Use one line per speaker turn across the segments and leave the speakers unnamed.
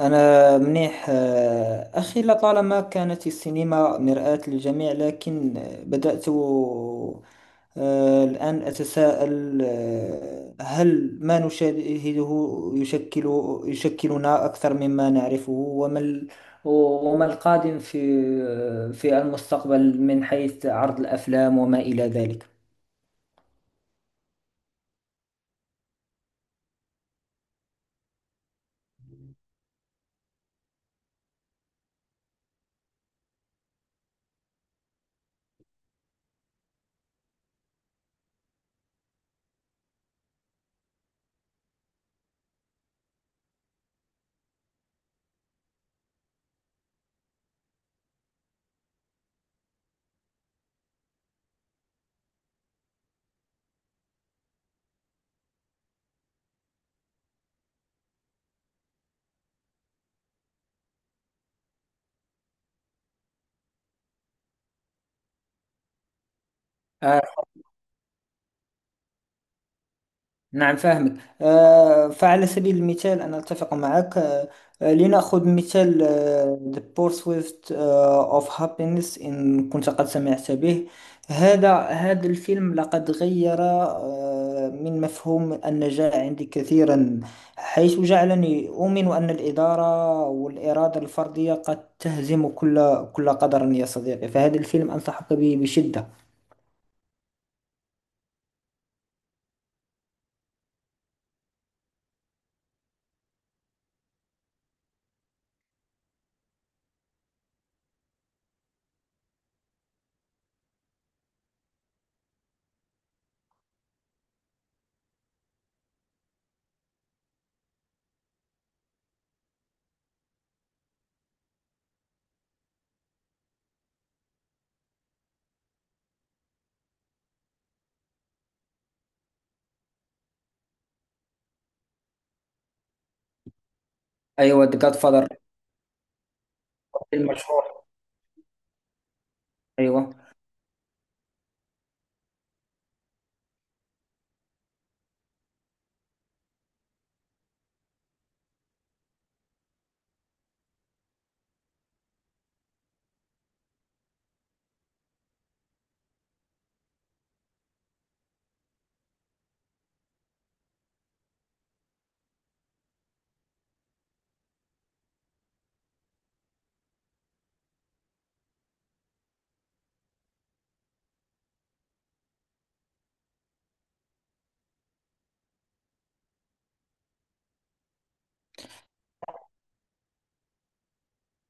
أنا منيح، أخي لطالما كانت السينما مرآة للجميع، لكن بدأت الآن أتساءل، هل ما نشاهده يشكل يشكلنا أكثر مما نعرفه؟ وما القادم في المستقبل من حيث عرض الأفلام وما إلى ذلك؟ نعم، فاهمك. فعلى سبيل المثال، أنا أتفق معك. لنأخذ مثال The Pursuit of Happiness، إن كنت قد سمعت به. هذا الفيلم لقد غير من مفهوم النجاح عندي كثيرا، حيث جعلني أؤمن أن الإدارة والإرادة الفردية قد تهزم كل قدر. يا صديقي، فهذا الفيلم أنصحك به بشدة. أيوة، The Godfather فيلم مشهور. أيوة.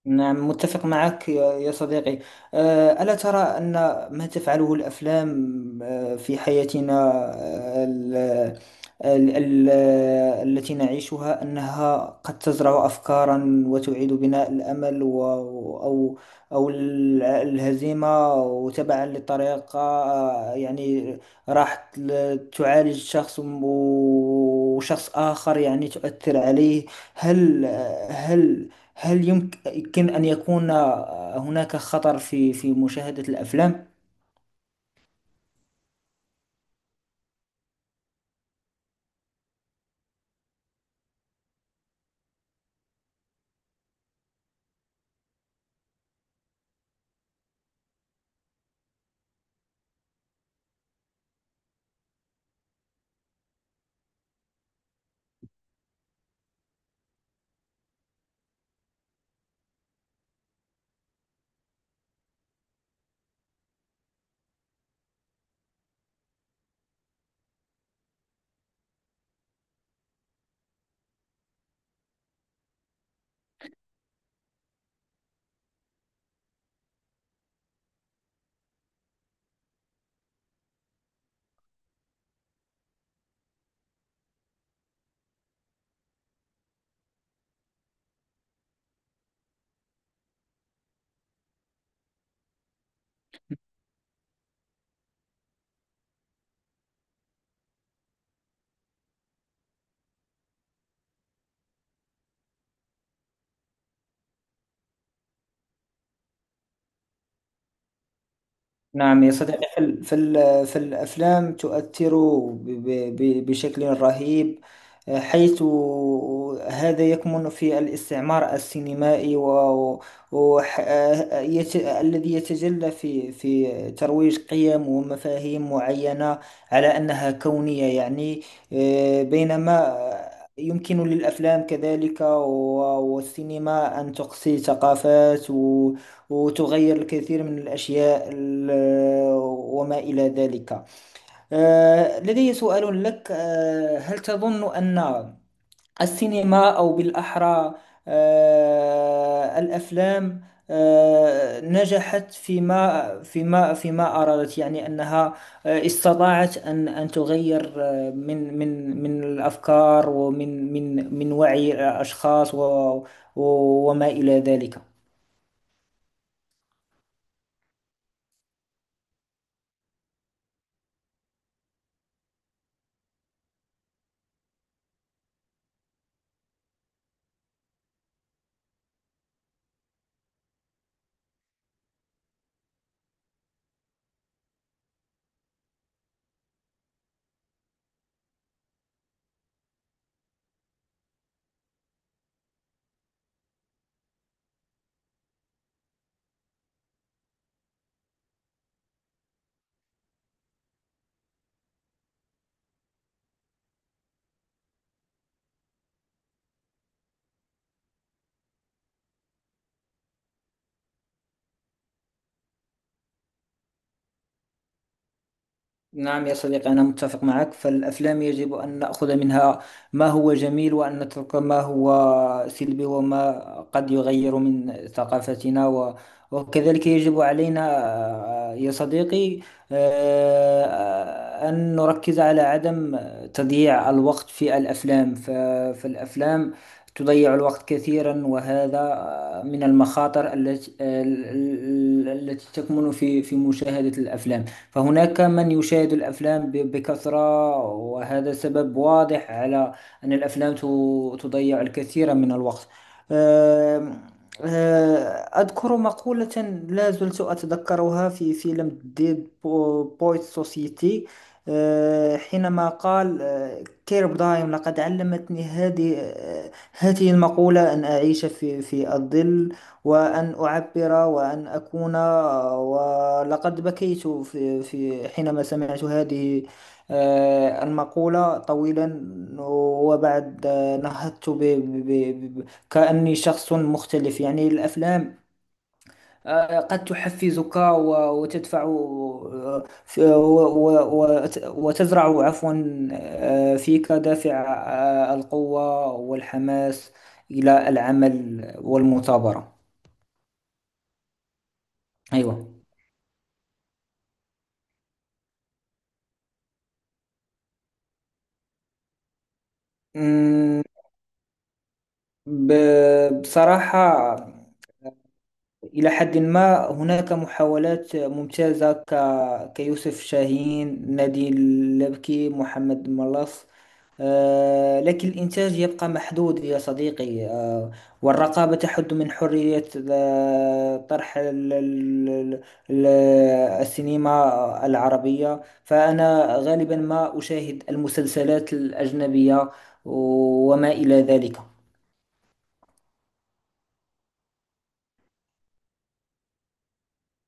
نعم، متفق معك يا صديقي. ألا ترى أن ما تفعله الأفلام في حياتنا آه، ال- ال- ال- التي نعيشها، أنها قد تزرع أفكارا وتعيد بناء الأمل أو، الهزيمة؟ وتبعا للطريقة، يعني تعالج شخص، وشخص آخر يعني تؤثر عليه. هل هل هل يمكن أن يكون هناك خطر في مشاهدة الأفلام؟ نعم يا صديقي، في الأفلام تؤثر بشكل رهيب، حيث هذا يكمن في الاستعمار السينمائي و- ح- الذي يتجلى في ترويج قيم ومفاهيم معينة على أنها كونية. يعني بينما يمكن للأفلام كذلك والسينما أن تقصي ثقافات وتغير الكثير من الأشياء وما إلى ذلك. لدي سؤال لك. هل تظن أن السينما، أو بالأحرى الأفلام، نجحت فيما أرادت؟ يعني أنها استطاعت أن تغير من من الأفكار، ومن من وعي الأشخاص وما إلى ذلك. نعم يا صديقي، أنا متفق معك. فالأفلام يجب أن نأخذ منها ما هو جميل، وأن نترك ما هو سلبي وما قد يغير من ثقافتنا. وكذلك يجب علينا يا صديقي، أن نركز على عدم تضييع الوقت في الأفلام. فالأفلام تضيع الوقت كثيرا، وهذا من المخاطر التي تكمن في مشاهدة الأفلام. فهناك من يشاهد الأفلام بكثرة، وهذا سبب واضح على أن الأفلام تضيع الكثير من الوقت. آم، آه، أذكر مقولة لا زلت أتذكرها في فيلم دي بويت سوسيتي، حينما قال كيرب دايم: لقد علمتني هذه، هذه المقولة، أن أعيش في الظل، وأن أعبر، وأن أكون. ولقد بكيت في في حينما سمعت هذه المقولة طويلا. وبعد نهضت كأني شخص مختلف. يعني الأفلام قد تحفزك وتدفع، وتزرع، عفوا، فيك دافع القوة والحماس إلى العمل والمثابرة. أيوة. أمم، بصراحة، إلى حد ما هناك محاولات ممتازة، كيوسف شاهين، نادي اللبكي، محمد ملاص. لكن الإنتاج يبقى محدود يا صديقي، والرقابة تحد من حرية طرح ال- السينما العربية. فأنا غالبا ما أشاهد المسلسلات الأجنبية وما إلى ذلك.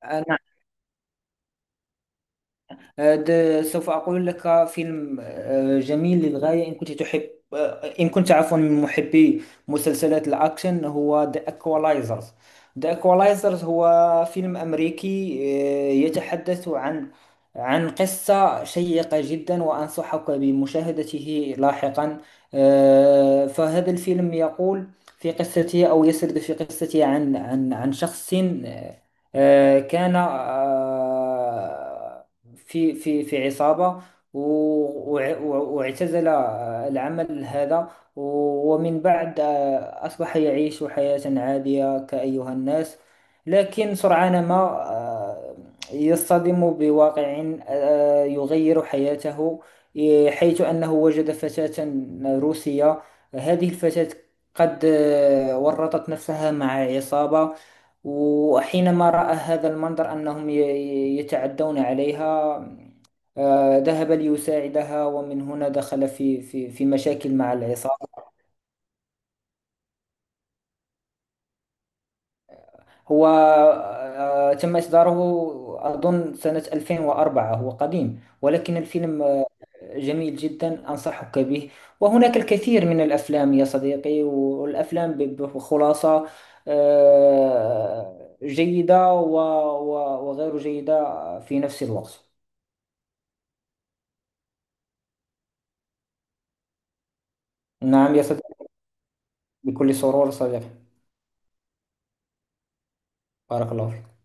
أنا هذا سوف أقول لك. فيلم جميل للغاية، إن كنت تحب، إن كنت، عفوا، من محبي مسلسلات الأكشن، هو The Equalizers. The Equalizers هو فيلم أمريكي يتحدث عن قصة شيقة جدا، وأنصحك بمشاهدته لاحقا. فهذا الفيلم يقول في قصته، أو يسرد في قصته، عن عن شخص كان في في عصابة، واعتزل العمل هذا. ومن بعد أصبح يعيش حياة عادية كأيها الناس. لكن سرعان ما يصطدم بواقع يغير حياته. إيه، حيث أنه وجد فتاة روسية. هذه الفتاة قد ورطت نفسها مع عصابة، وحينما رأى هذا المنظر أنهم يتعدون عليها، ذهب ليساعدها، ومن هنا دخل في في مشاكل مع العصابة. هو تم إصداره أظن سنة 2004. هو قديم، ولكن الفيلم جميل جدا، أنصحك به. وهناك الكثير من الأفلام يا صديقي، والأفلام بخلاصة آه، جيدة وغير جيدة في نفس الوقت. نعم يا صديقي. بكل سرور صديقي. بارك الله فيك.